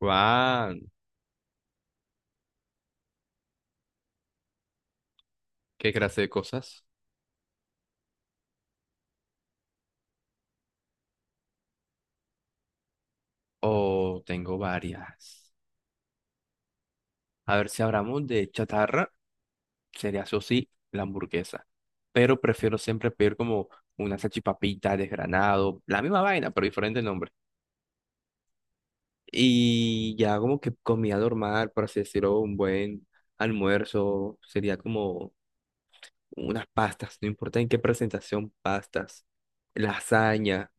Juan, ¿qué clase de cosas? Oh, tengo varias. A ver si hablamos de chatarra, sería eso sí, la hamburguesa. Pero prefiero siempre pedir como una salchipapita, desgranado, la misma vaina, pero diferente nombre. Y ya como que comida normal, por así decirlo, un buen almuerzo, sería como unas pastas, no importa en qué presentación, pastas, lasaña,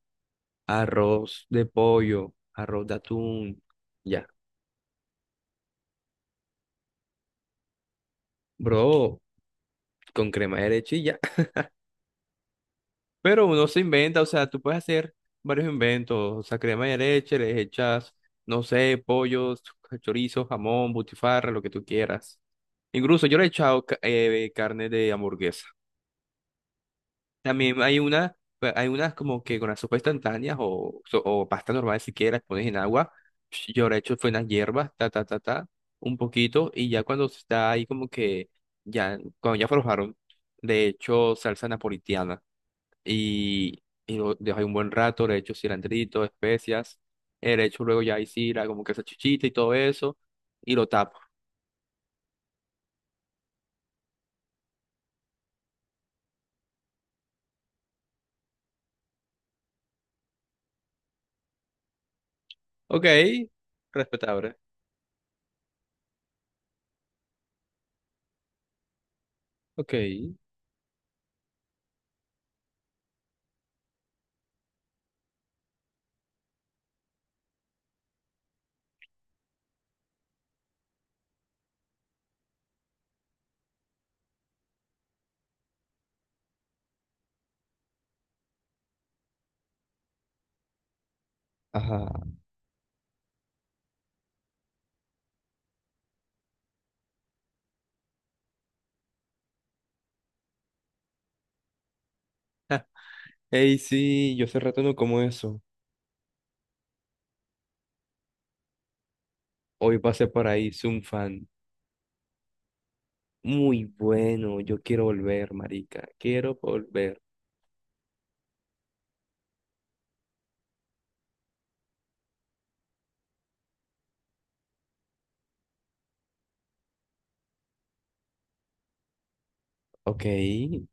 arroz de pollo, arroz de atún, ya. Bro, con crema de leche y ya. Pero uno se inventa, o sea, tú puedes hacer varios inventos, o sea, crema de leche, le echas, no sé, pollos, chorizo, jamón, butifarra, lo que tú quieras. Incluso yo le he echado carne de hamburguesa. También hay una, pues, hay unas como que con las sopas instantáneas o pasta normal si quieres, pones en agua. Yo le he hecho fue unas hierbas, ta, ta, ta, ta, un poquito, y ya cuando está ahí como que, ya, cuando ya aflojaron, le he hecho salsa napolitana. Y lo dejo ahí un buen rato, le echo cilantrito, especias, le echo luego ya ahí sira, como que esa chichita y todo eso, y lo tapo. Ok, respetable. Ok. Ajá. Ja. Ey, sí, yo hace rato no como eso. Hoy pasé por ahí, soy un fan. Muy bueno, yo quiero volver, marica. Quiero volver. Ok,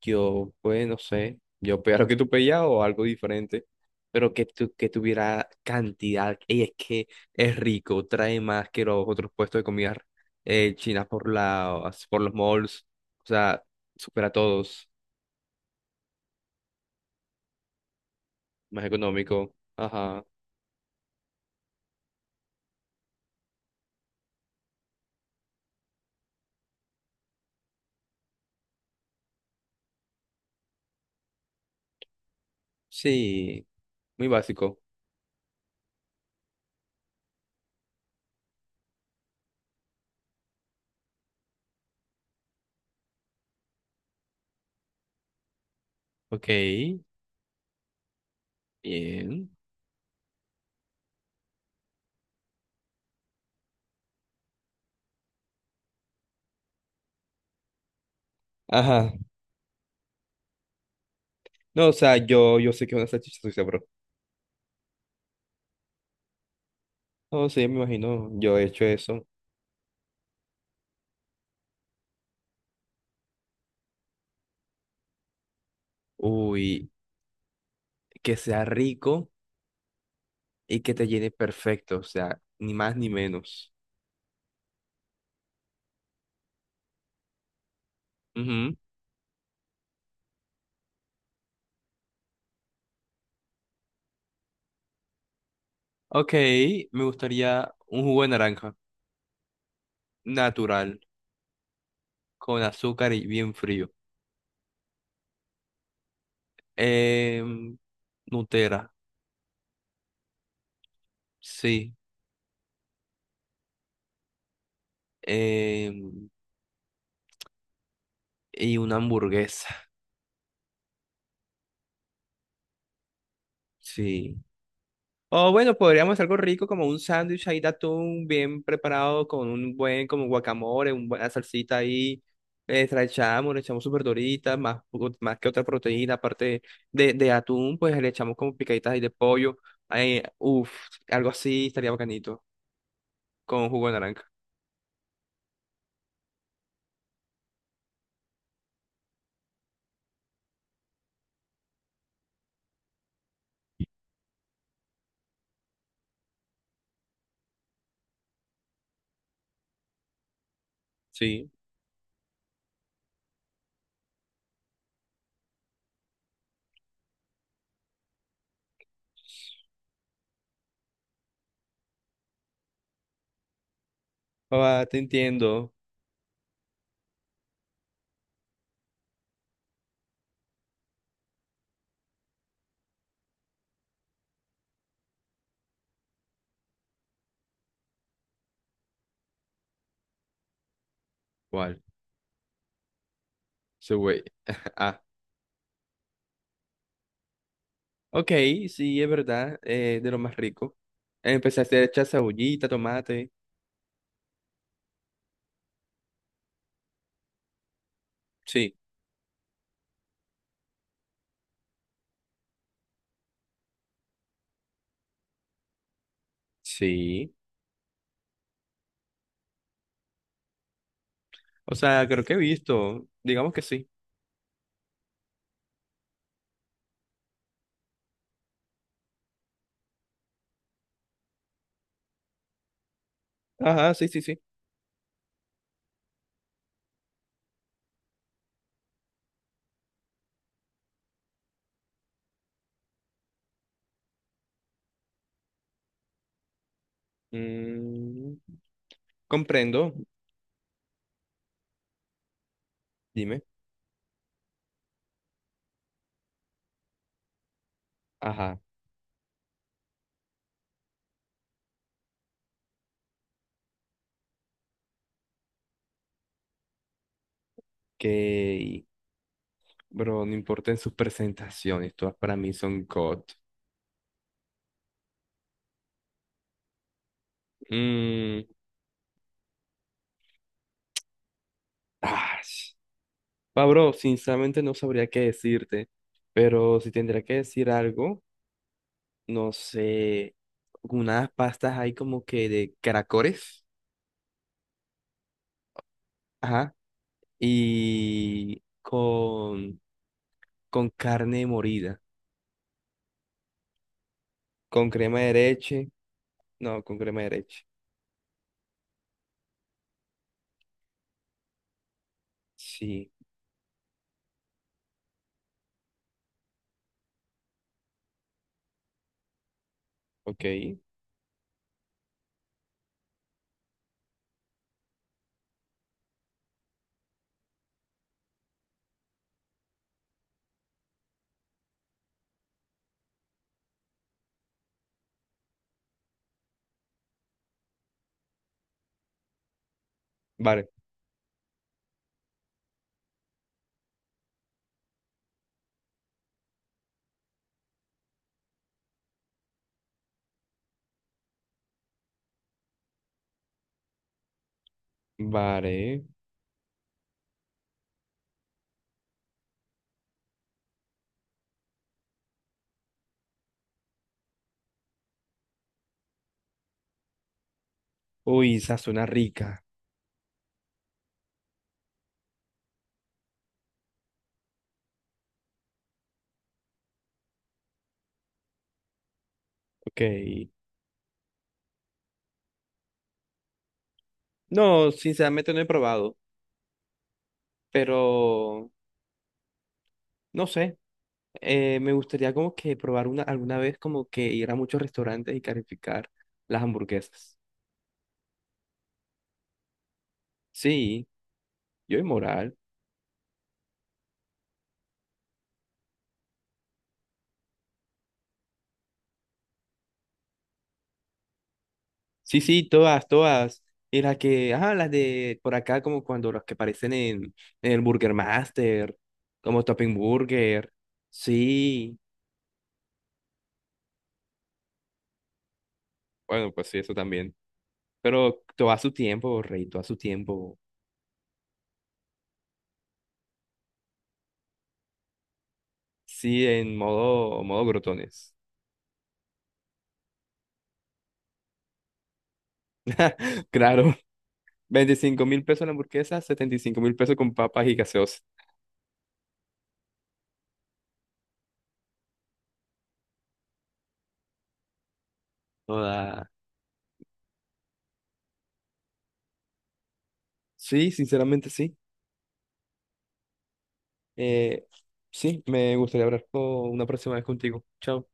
yo pues no sé, yo pegar lo que tú pegas o algo diferente, pero que tuviera cantidad. Y es que es rico, trae más que los otros puestos de comida china por los malls, o sea, supera a todos, más económico. Ajá, sí, muy básico. Ok, bien. Ajá, no, o sea, yo sé que es una salchicha sucia, bro. No, sí, me imagino, yo he hecho eso. Uy, que sea rico. Y que te llene perfecto, o sea, ni más ni menos. Ujú. Ok, me gustaría un jugo de naranja natural, con azúcar y bien frío. Em, Nutella, sí. Em, y una hamburguesa, sí. O bueno, podríamos hacer algo rico como un sándwich ahí de atún bien preparado con un buen como guacamole, una buena salsita ahí. Le echamos sus verduritas, más que otra proteína, aparte de atún, pues le echamos como picaditas ahí de pollo. Eh, uf, Algo así estaría bacanito, con jugo de naranja. Sí. Ah, te entiendo. ¿Cuál? Ese güey. Ah, ok, sí, es verdad, de lo más rico. Empecé a hacer echar cebollita, tomate. Sí. Sí. O sea, creo que he visto. Digamos que sí. Ajá, sí, sí, sí. Mm, comprendo. Dime. Ajá. Que, bro, no importa en sus presentaciones, todas para mí son God. Mm, ah, sh- Bro, sinceramente no sabría qué decirte, pero si tendría que decir algo, no sé, unas pastas ahí como que de caracoles, ajá, y con, con carne morida, con crema de leche. No, con crema de leche. Sí, ok. Vale, vale. Uy, esa suena rica. Ok. No, sinceramente no he probado, pero no sé. Me gustaría como que probar una alguna vez como que ir a muchos restaurantes y calificar las hamburguesas. Sí, yo en moral. Sí, sí, todas, todas. Y las que, ah, las de por acá como cuando las que aparecen en el Burger Master, como Topping Burger. Sí. Bueno, pues sí, eso también. Pero todo a su tiempo, rey, todo a su tiempo. Sí, en modo, modo grotones. Claro, $25.000 la hamburguesa, $75.000 con papas y gaseosa. Joda. Sí, sinceramente sí. Eh, sí, me gustaría hablar con una próxima vez contigo. Chao.